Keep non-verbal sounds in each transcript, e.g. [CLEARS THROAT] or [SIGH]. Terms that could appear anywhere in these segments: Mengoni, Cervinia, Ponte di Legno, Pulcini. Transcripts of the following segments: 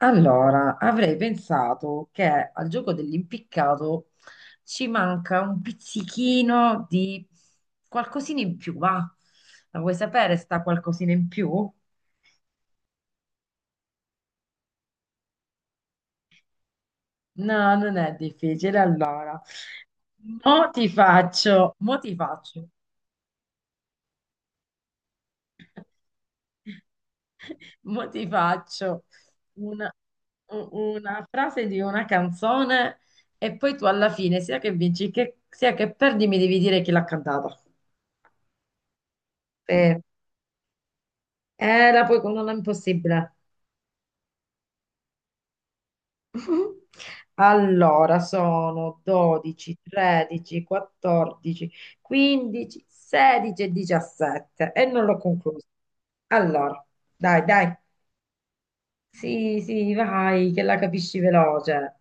Allora, avrei pensato che al gioco dell'impiccato ci manca un pizzichino di qualcosina in più, va? La vuoi sapere sta qualcosina in più? No, non è difficile. Allora, mo ti faccio, mo ti faccio, [LAUGHS] mo ti faccio una, una frase di una canzone e poi tu alla fine, sia che vinci che, sia che perdi, mi devi dire chi l'ha cantata. Sì. Era poi con non è impossibile. [LAUGHS] Allora, sono 12, 13, 14, 15, 16 e 17 e non l'ho concluso. Allora, dai, dai. Sì, sì, vai, che la capisci veloce.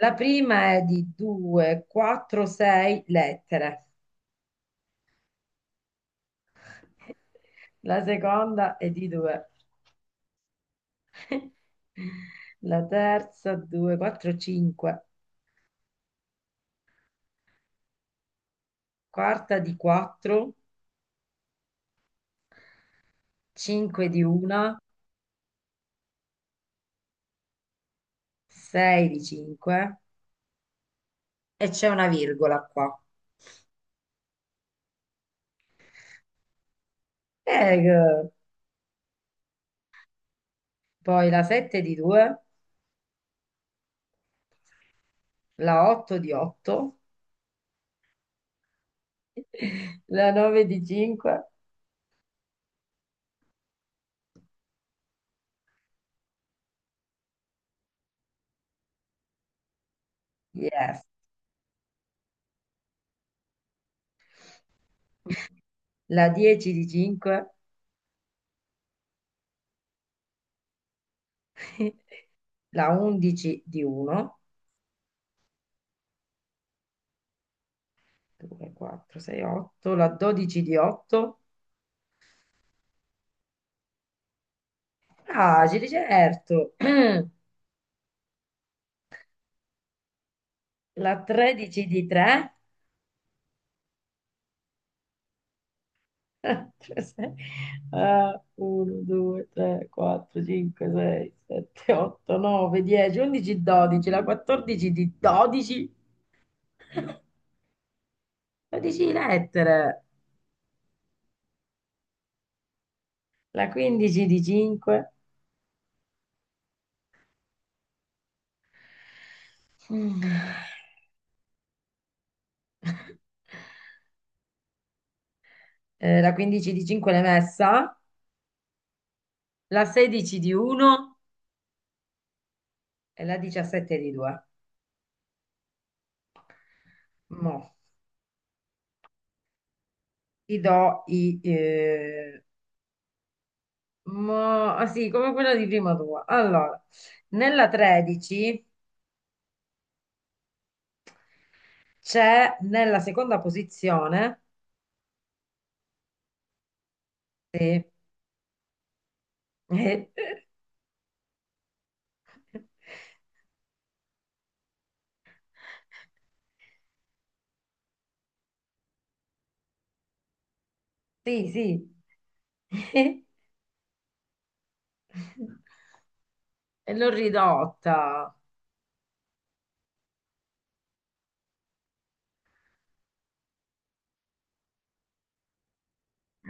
La prima è di 2, 4, 6 lettere. La seconda è di 2. [LAUGHS] La terza 2, 4, 5. Quarta di 4, 5 di 1, 6 di 5 e c'è una virgola qua. Eh, poi la 7 di 2, la 8 di 8, [LAUGHS] la 9 di 5, yes, la 10 di 5, [LAUGHS] la 11 di 1, 2, 4, 6, 8, la 12 di 8, facile, certo, [CLEARS THROAT] la 13 di 3 [LAUGHS] 1, 2, 3, 4, 5, 6, 7, 8, 9, 10, 11, 12, la 14 di 12, 12 lettere, la 15 di 5, la 15 di 5 l'hai messa, la 16 di 1 e la 17 di 2. Mo, ti do i... mo, ah, sì, come quella di prima tua. Allora, nella 13... C'è nella seconda posizione. Sì, [LAUGHS] eh, sì, sì. [LAUGHS] E l'ho ridotta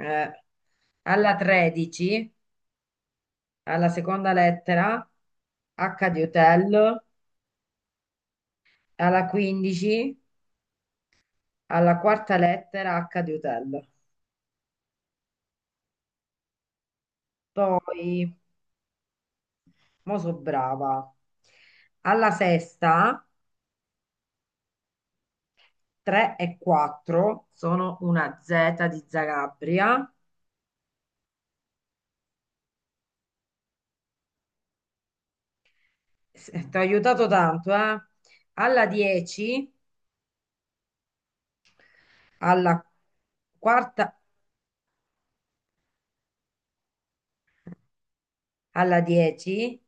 eh, alla 13, alla seconda lettera, H di hotel, alla 15, alla quarta lettera, H di hotel. Poi, mo so brava. Alla sesta, 3 e 4 sono una Z di Zagabria. Ti ha aiutato tanto, eh? Alla 10, alla quarta, alla 10,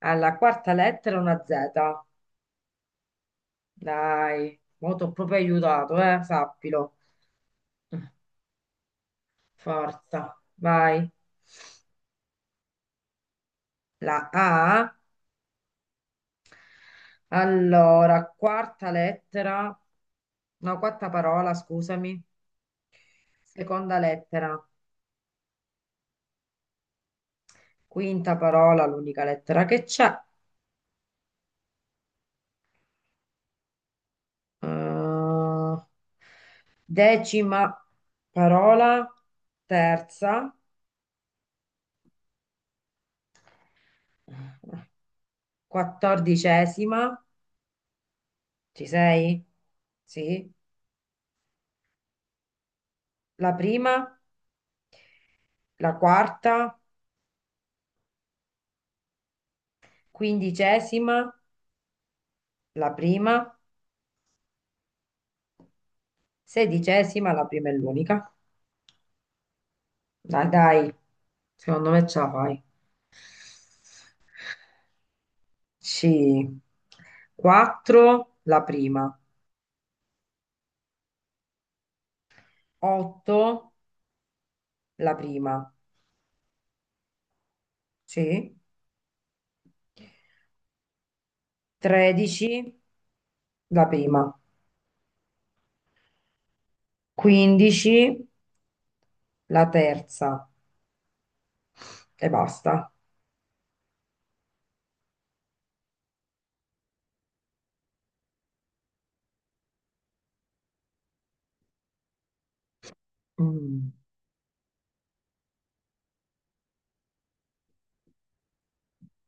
alla quarta lettera una Z. Dai, mo t'ho proprio aiutato, eh? Sappilo. Forza, vai. La A, allora, quarta lettera, no, quarta parola, scusami, seconda lettera, quinta parola, l'unica lettera che c'è. eh, Decima parola, terza, quattordicesima, ci sei? Sì. La prima, la quarta, quindicesima, la prima, sedicesima, la prima e l'unica. Dai, dai, secondo me ce la fai. C. 4 la prima, 8 la prima, sì, 13 la prima, 15 la terza e basta. Mm,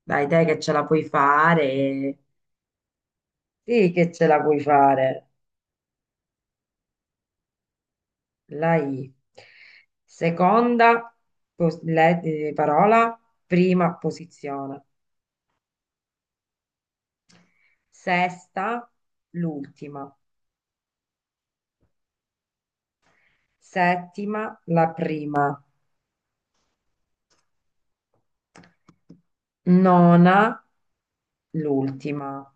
dai, dai che ce la puoi fare. Sì che ce la puoi fare. La I. Seconda parola, prima posizione. Sesta, l'ultima. Settima, la prima. Nona, l'ultima.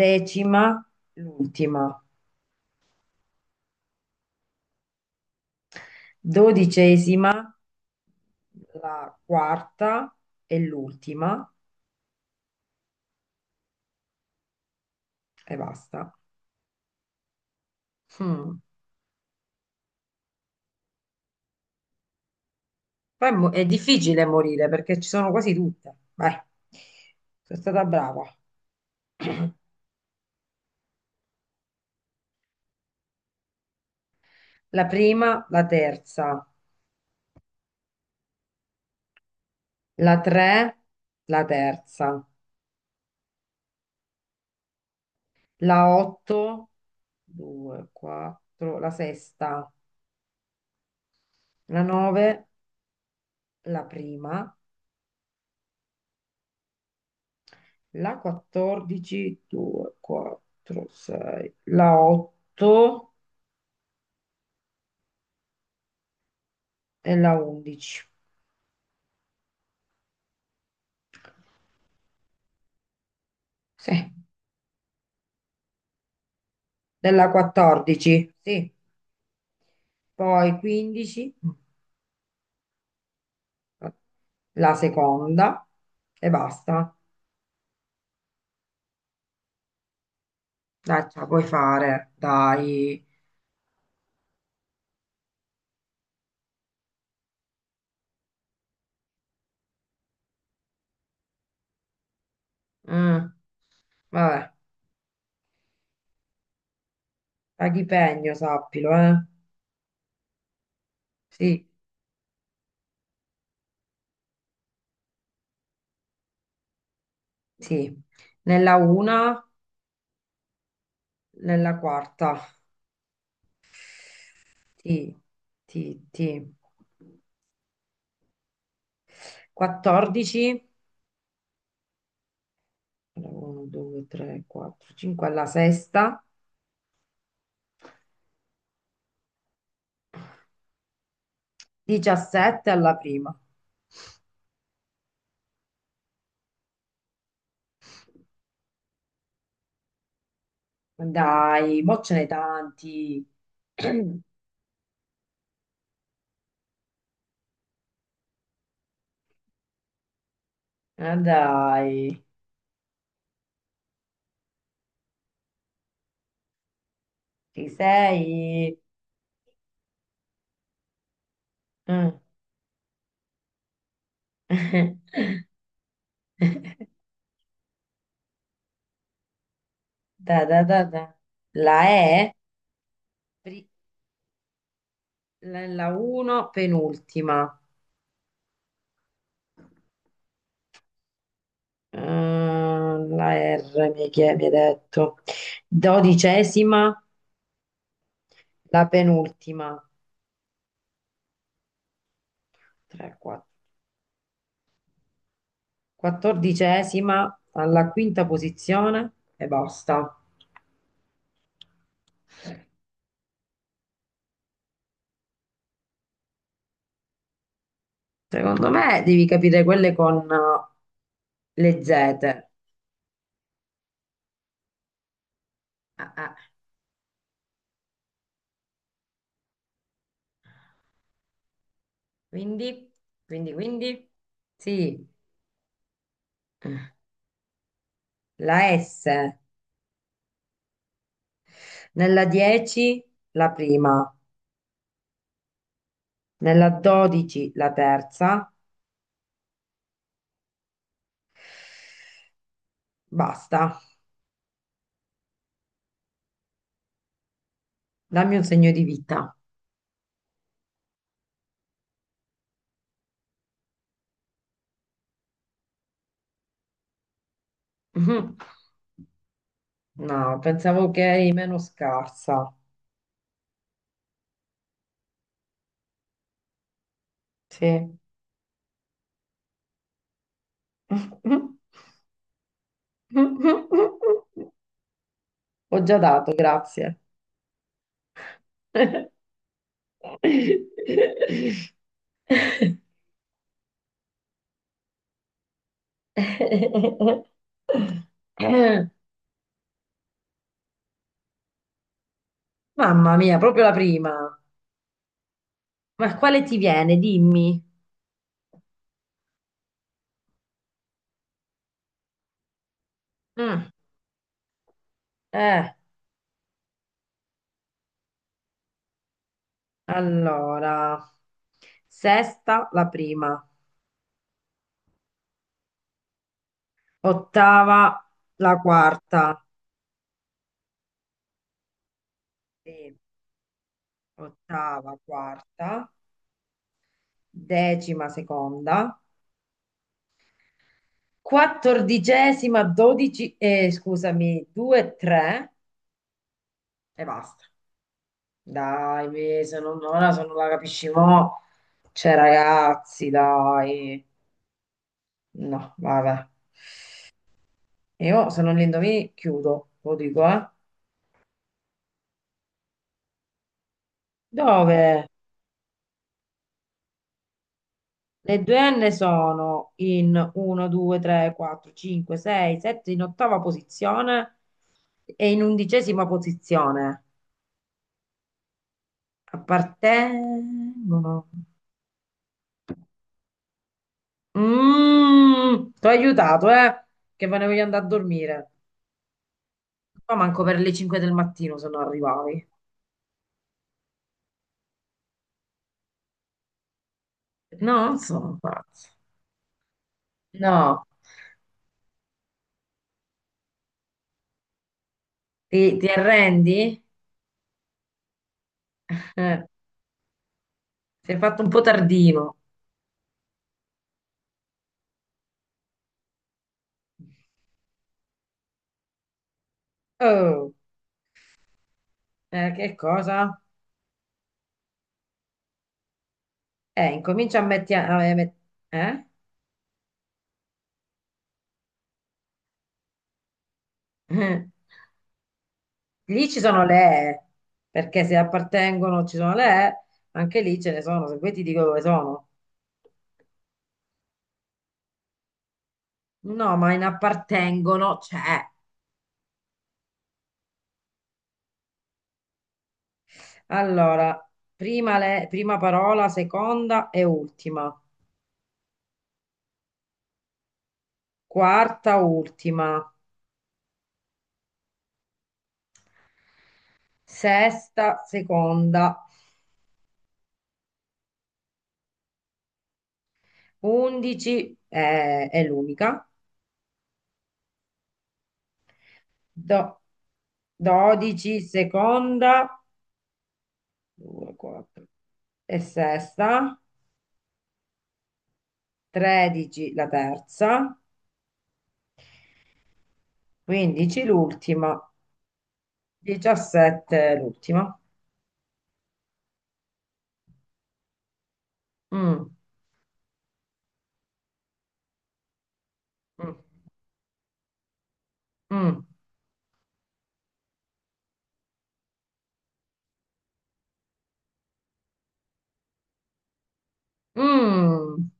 Decima, l'ultima. Dodicesima, la quarta e l'ultima e basta. Mm. Poi mo- è difficile morire perché ci sono quasi tutte. Vai, sono stata brava. La prima, la terza, la tre, la terza, la otto, due, quattro, la sesta, la nove, la prima, la quattordici, due, quattro, sei, la otto. Della 11, sì, della 14, sì, poi 15, la seconda e basta. Dai, ce la puoi fare, dai. Mm, vabbè, paghi sappilo, eh. Sì, sì, nella una, nella quarta, sì, sì, sì. 14, 1, 2, 3, 4, 5 alla sesta, 17 alla prima. Ma dai, mo ce n'è tanti. [CLEARS THROAT] Ma dai, ci sei? Mm. [LAUGHS] Da, da, da, da. La E, pri- la 1, penultima. Mm, la R, mi hai detto. Dodicesima, la penultima. 3, 4. Quattordicesima, alla quinta posizione e basta. Secondo me devi capire quelle con le Z. Ah, ah. Quindi, quindi, sì, la S, nella 10 la prima, nella 12 la terza, basta, dammi un segno di vita. [LAUGHS] Mhm. No, pensavo che eri meno scarsa. Sì. [LAUGHS] Ho già dato, grazie. [LAUGHS] Mamma mia, proprio la prima. Ma quale ti viene? Dimmi. Mm. Eh, allora, sesta la prima, ottava la quarta, sì. Ottava quarta, decima seconda, quattordicesima dodici, scusami, due, tre e basta. Dai, se non, ora se non la capisci mo, cioè ragazzi, dai. No, vabbè. Io se non li indovini chiudo, lo dico, eh. Dove le due N sono in 1, 2, 3, 4, 5, 6, 7 in ottava posizione e in undicesima posizione. Appartengono. Mm, ti ho aiutato, eh? Che ve ne voglio andare a dormire. Ma manco per le 5 del mattino se non arrivavi. No, non sono pazzo. No, ti arrendi? Eh, sei fatto un po' tardino. Oh, che cosa? Incomincia a mettere... Eh? [LAUGHS] Lì ci sono le E, perché se appartengono ci sono le E, anche lì ce ne sono, se vuoi ti dico dove sono. No, ma in appartengono c'è. Allora, prima, prima parola, seconda e ultima, quarta, ultima, sesta, seconda, undici è l'unica, Do- dodici, seconda, 2, 4 e sesta, 13 la terza, 15 l'ultima, 17 l'ultima. Mm, mm, mm, mm.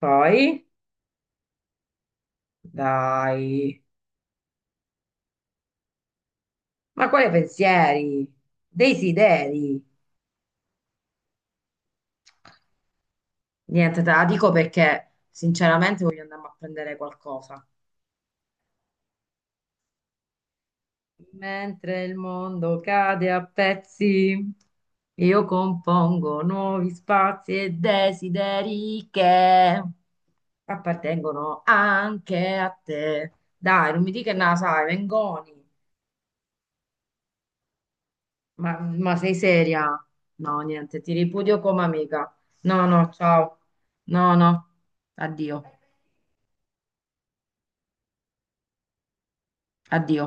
Poi, dai, ma quali pensieri? Desideri? Niente, te la dico perché sinceramente voglio andare a prendere qualcosa. Mentre il mondo cade a pezzi, io compongo nuovi spazi e desideri che appartengono anche a te. Dai, non mi dica na, sai, Mengoni. Ma sei seria? No, niente, ti ripudio come amica. No, no, ciao. No, no, addio, addio.